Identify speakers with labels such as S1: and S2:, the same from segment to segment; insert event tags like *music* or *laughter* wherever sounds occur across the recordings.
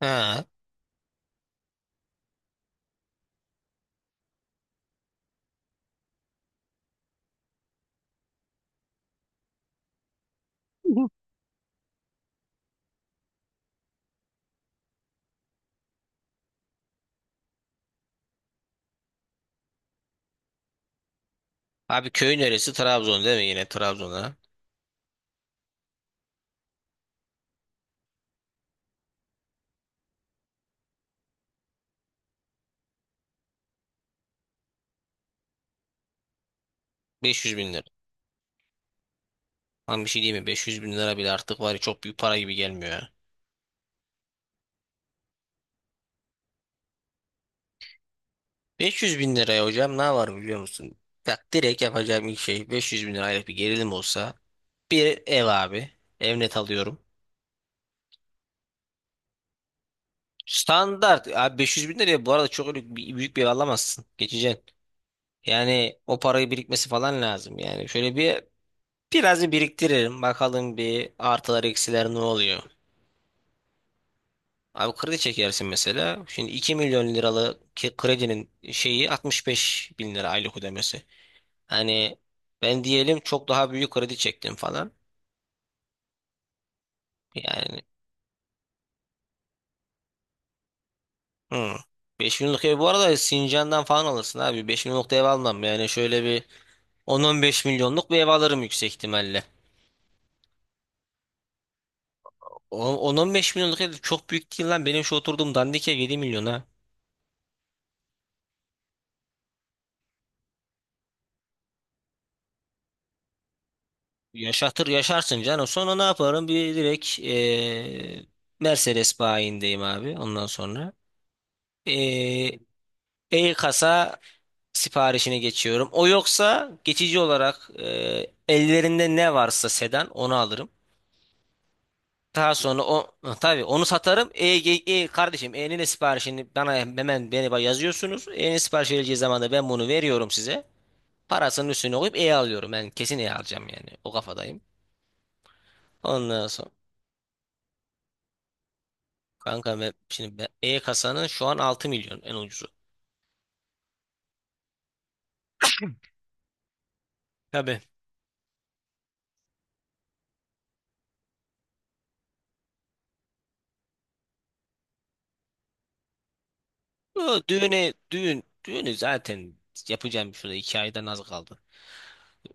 S1: Ha. Abi köyün neresi? Trabzon değil mi yine Trabzon'a? 500 bin lira. Lan bir şey diyeyim mi? 500 bin lira bile artık var ya çok büyük para gibi gelmiyor ya. 500 bin liraya hocam ne var biliyor musun? Bak direkt yapacağım ilk şey 500 bin lirayla bir gerilim olsa bir ev abi. Ev net alıyorum. Standart. Abi 500 bin liraya bu arada çok öyle büyük bir ev alamazsın. Geçeceksin. Yani o parayı birikmesi falan lazım. Yani şöyle bir biraz bir biriktiririm. Bakalım bir artılar eksiler ne oluyor. Abi kredi çekersin mesela. Şimdi 2 milyon liralık kredinin şeyi 65 bin lira aylık ödemesi. Hani ben diyelim çok daha büyük kredi çektim falan. Yani hı. 5 milyonluk ev bu arada Sincan'dan falan alırsın abi. 5 milyonluk da ev almam. Yani şöyle bir 10-15 milyonluk bir ev alırım yüksek ihtimalle. 10-15 milyonluk ev çok büyük değil lan. Benim şu oturduğum dandik ev 7 milyona. Yaşatır yaşarsın canım. Sonra ne yaparım? Bir direkt Mercedes bayindeyim abi ondan sonra. Ee, e-kasa siparişine geçiyorum. O yoksa geçici olarak ellerinde ne varsa sedan onu alırım. Daha sonra o tabii onu satarım. Kardeşim E'nin de siparişini bana hemen beni yazıyorsunuz. E'nin sipariş verileceği zaman da ben bunu veriyorum size. Parasının üstüne koyup E alıyorum. Ben kesin E alacağım yani. O kafadayım. Ondan sonra kanka ben, şimdi E kasanın şu an 6 milyon en ucuzu. Tabii. O Düğüne düğün düğünü zaten yapacağım bir şurada 2 aydan az kaldı.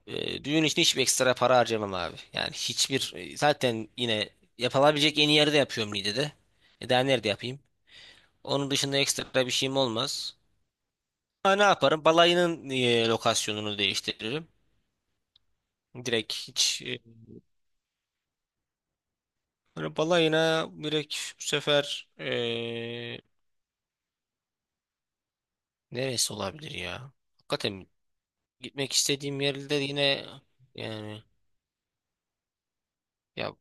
S1: Düğün için hiçbir ekstra para harcamam abi. Yani hiçbir zaten yine yapılabilecek en iyi yerde yapıyorum Niğde'de. E daha nerede yapayım? Onun dışında ekstra bir şeyim olmaz. Ha, ne yaparım? Balayının lokasyonunu değiştiririm. Direkt hiç böyle balayına direkt bu sefer neresi olabilir ya? Hakikaten gitmek istediğim yerde yine yani ya.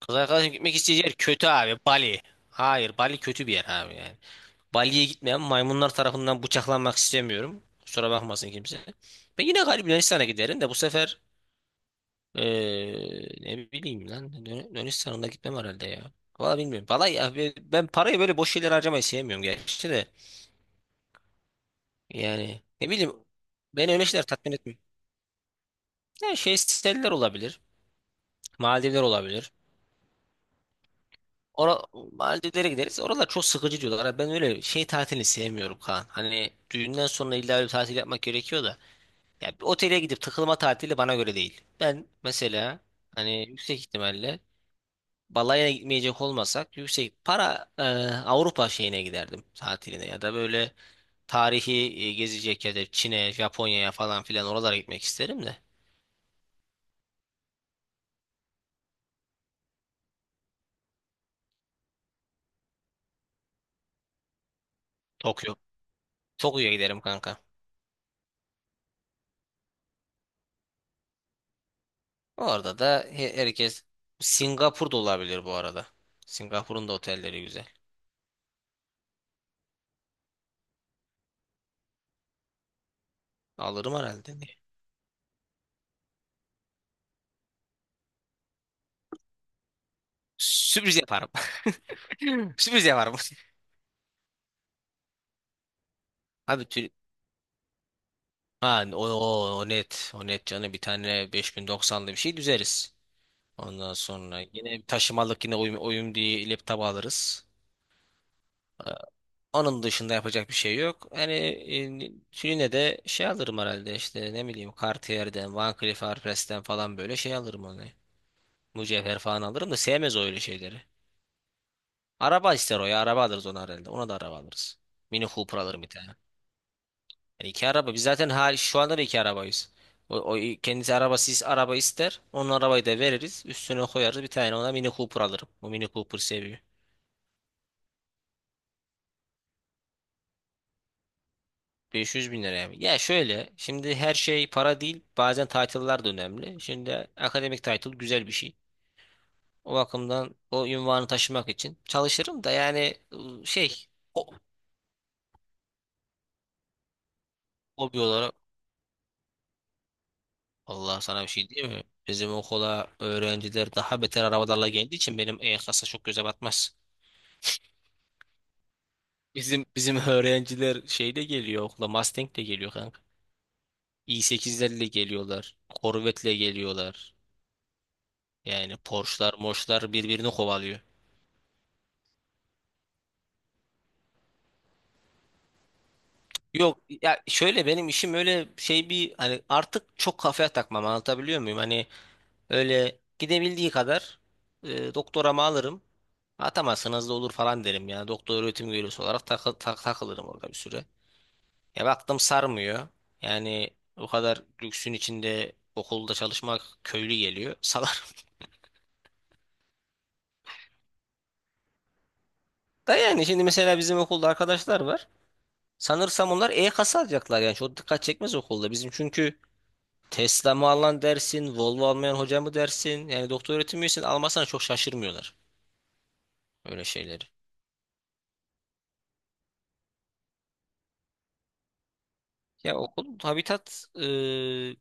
S1: Kız arkadaşım gitmek isteyeceği yer kötü abi. Bali. Hayır, Bali kötü bir yer abi yani. Bali'ye gitmeyen maymunlar tarafından bıçaklanmak istemiyorum. Kusura bakmasın kimse. Ben yine galiba Yunanistan'a giderim de bu sefer ne bileyim lan Yunanistan'a da gitmem herhalde ya. Valla bilmiyorum. Valla ya ben parayı böyle boş şeylere harcamayı sevmiyorum gerçi de. Yani ne bileyim beni öyle şeyler tatmin etmiyor. Yani şey siteler olabilir. Maldivler olabilir. Ora Maldivlere gideriz. Oralar çok sıkıcı diyorlar. Ha, ben öyle şey tatilini sevmiyorum Kaan. Hani düğünden sonra illa öyle bir tatil yapmak gerekiyor da. Ya bir otele gidip takılma tatili bana göre değil. Ben mesela hani yüksek ihtimalle balaya gitmeyecek olmasak yüksek para Avrupa şeyine giderdim tatiline ya da böyle tarihi gezecek ya da Çin'e, Japonya'ya falan filan oralara gitmek isterim de. Tokyo. Tokyo'ya giderim kanka. Orada da herkes Singapur da olabilir bu arada. Singapur'un da otelleri güzel. Alırım herhalde. Niye? Sürpriz yaparım. *laughs* Sürpriz yaparım. Abi. Ha, o net. O net canı bir tane 5090'lı bir şey düzeriz. Ondan sonra yine bir taşımalık yine uyum diye laptop alırız. Onun dışında yapacak bir şey yok. Hani yine de şey alırım herhalde işte ne bileyim Cartier'den, Van Cleef Arpels'ten falan böyle şey alırım onu. Mücevher falan alırım da sevmez o öyle şeyleri. Araba ister o ya. Araba alırız ona herhalde. Ona da araba alırız. Mini Cooper alırım bir tane. Yani iki araba. Biz zaten şu anda da iki arabayız. O kendisi arabasız araba ister. Onun arabayı da veririz. Üstüne koyarız bir tane ona Mini Cooper alırım. O Mini Cooper seviyor. 500 bin lira yani. Ya şöyle şimdi her şey para değil. Bazen title'lar da önemli. Şimdi akademik title güzel bir şey. O bakımdan o ünvanı taşımak için çalışırım da yani şey ho- hobi olarak Allah sana bir şey diyeyim mi? Bizim okula öğrenciler daha beter arabalarla geldiği için benim E-Klas'a çok göze batmaz. Bizim *laughs* öğrenciler şeyle geliyor okula Mustang'le geliyor kanka. i8'lerle geliyorlar. Corvette'le geliyorlar. Yani Porsche'lar, Mosche'lar birbirini kovalıyor. Yok ya şöyle benim işim öyle şey bir hani artık çok kafaya takmam anlatabiliyor muyum? Hani öyle gidebildiği kadar doktoramı alırım. Atamazsanız da olur falan derim yani. Doktor öğretim üyesi olarak takılırım orada bir süre. Ya baktım sarmıyor. Yani o kadar lüksün içinde okulda çalışmak köylü geliyor. Salar. *laughs* Da yani şimdi mesela bizim okulda arkadaşlar var. Sanırsam onlar E-kasa alacaklar yani. Çok dikkat çekmez okulda. Bizim çünkü Tesla mı alan dersin, Volvo almayan hoca mı dersin? Yani doktor öğretim üyesini almazsan çok şaşırmıyorlar. Öyle şeyleri. Ya okulun habitat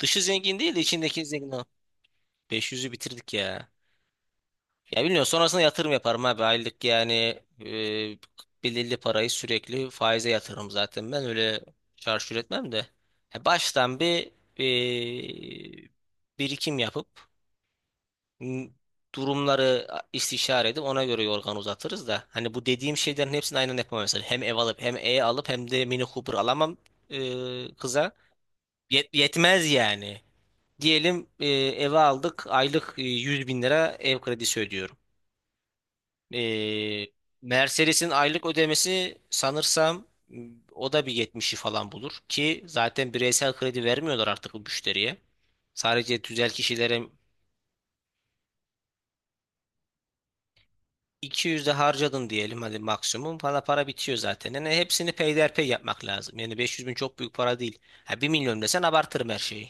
S1: dışı zengin değil de içindeki zengin. Ha, 500'ü bitirdik ya. Ya bilmiyorum sonrasında yatırım yaparım abi aylık yani e, belirli parayı sürekli faize yatırırım zaten ben öyle çarçur etmem de. Ya baştan bir e, birikim yapıp m, durumları istişare edip ona göre yorgan uzatırız da. Hani bu dediğim şeylerin hepsini aynen yapamam mesela. Hem ev alıp hem E alıp hem de Mini Cooper alamam kıza. Yetmez yani. Diyelim eve aldık aylık 100 bin lira ev kredisi ödüyorum. E, Mercedes'in aylık ödemesi sanırsam o da 170'i falan bulur ki zaten bireysel kredi vermiyorlar artık bu müşteriye. Sadece tüzel kişilere 200 de harcadın diyelim hadi maksimum falan para bitiyor zaten. Yani hepsini peyderpey yapmak lazım. Yani 500 bin çok büyük para değil. Ha, 1 milyon desen abartırım her şeyi.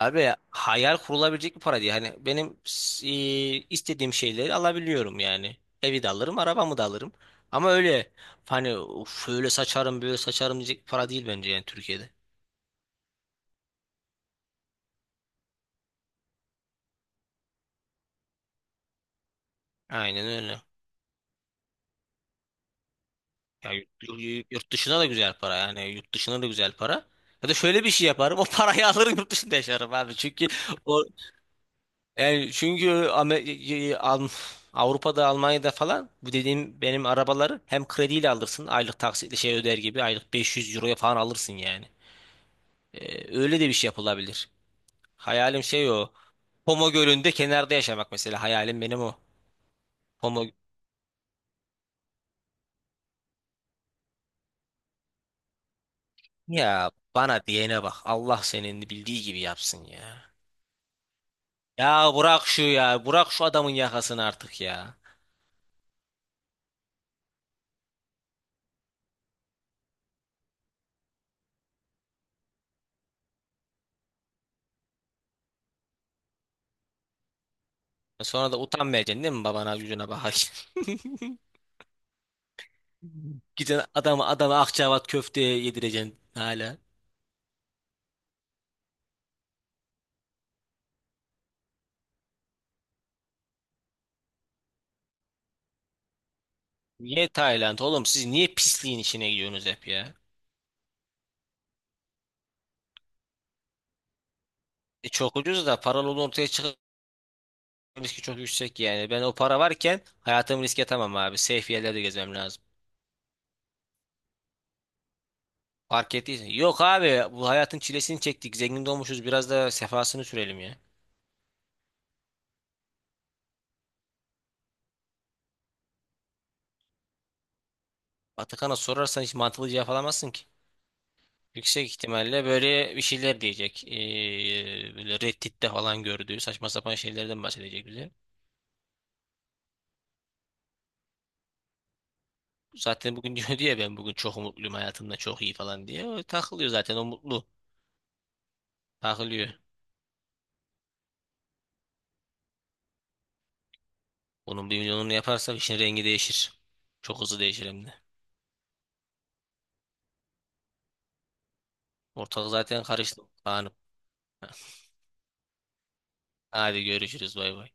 S1: Abi hayal kurulabilecek bir para değil. Hani benim istediğim şeyleri alabiliyorum yani. Evi de alırım, arabamı da alırım. Ama öyle hani "Of, şöyle saçarım, böyle saçarım diyecek bir para değil bence yani Türkiye'de. Aynen öyle. Ya yurt dışına da güzel para yani yurt dışına da güzel para. Ya da şöyle bir şey yaparım o parayı *laughs* alırım yurt dışında yaşarım abi çünkü o. Yani çünkü Avrupa'da, Almanya'da falan bu dediğim benim arabaları hem krediyle alırsın. Aylık taksitle şey öder gibi aylık 500 euroya falan alırsın yani. Öyle de bir şey yapılabilir. Hayalim şey o. Pomo Gölü'nde kenarda yaşamak mesela hayalim benim o. Pomo ya bana diyene bak. Allah senin bildiği gibi yapsın ya. Ya bırak şu ya. Bırak şu adamın yakasını artık ya. Sonra da utanmayacaksın değil mi babana yüzüne bakarsın. *laughs* Gidin adama adama Akçaabat köfte yedireceksin hala. Niye Tayland oğlum siz niye pisliğin içine gidiyorsunuz hep ya? E çok ucuz da paralı olduğu ortaya çıkan riski çok yüksek yani. Ben o para varken hayatımı riske atamam abi. Safe yerlerde gezmem lazım. Fark ettiysen. Yok abi bu hayatın çilesini çektik. Zengin de olmuşuz biraz da sefasını sürelim ya. Vatikan'a sorarsan hiç mantıklı cevap alamazsın ki. Yüksek ihtimalle böyle bir şeyler diyecek. Böyle Reddit'te falan gördüğü saçma sapan şeylerden bahsedecek bize. Zaten bugün *laughs* diyor diye ben bugün çok mutluyum hayatımda çok iyi falan diye. O takılıyor zaten o mutlu. Takılıyor. Onun 1 milyonunu yaparsak işin rengi değişir. Çok hızlı değişir hem de. Ortalık zaten karıştı. Kaan'ım. *laughs* Hadi görüşürüz bay bay.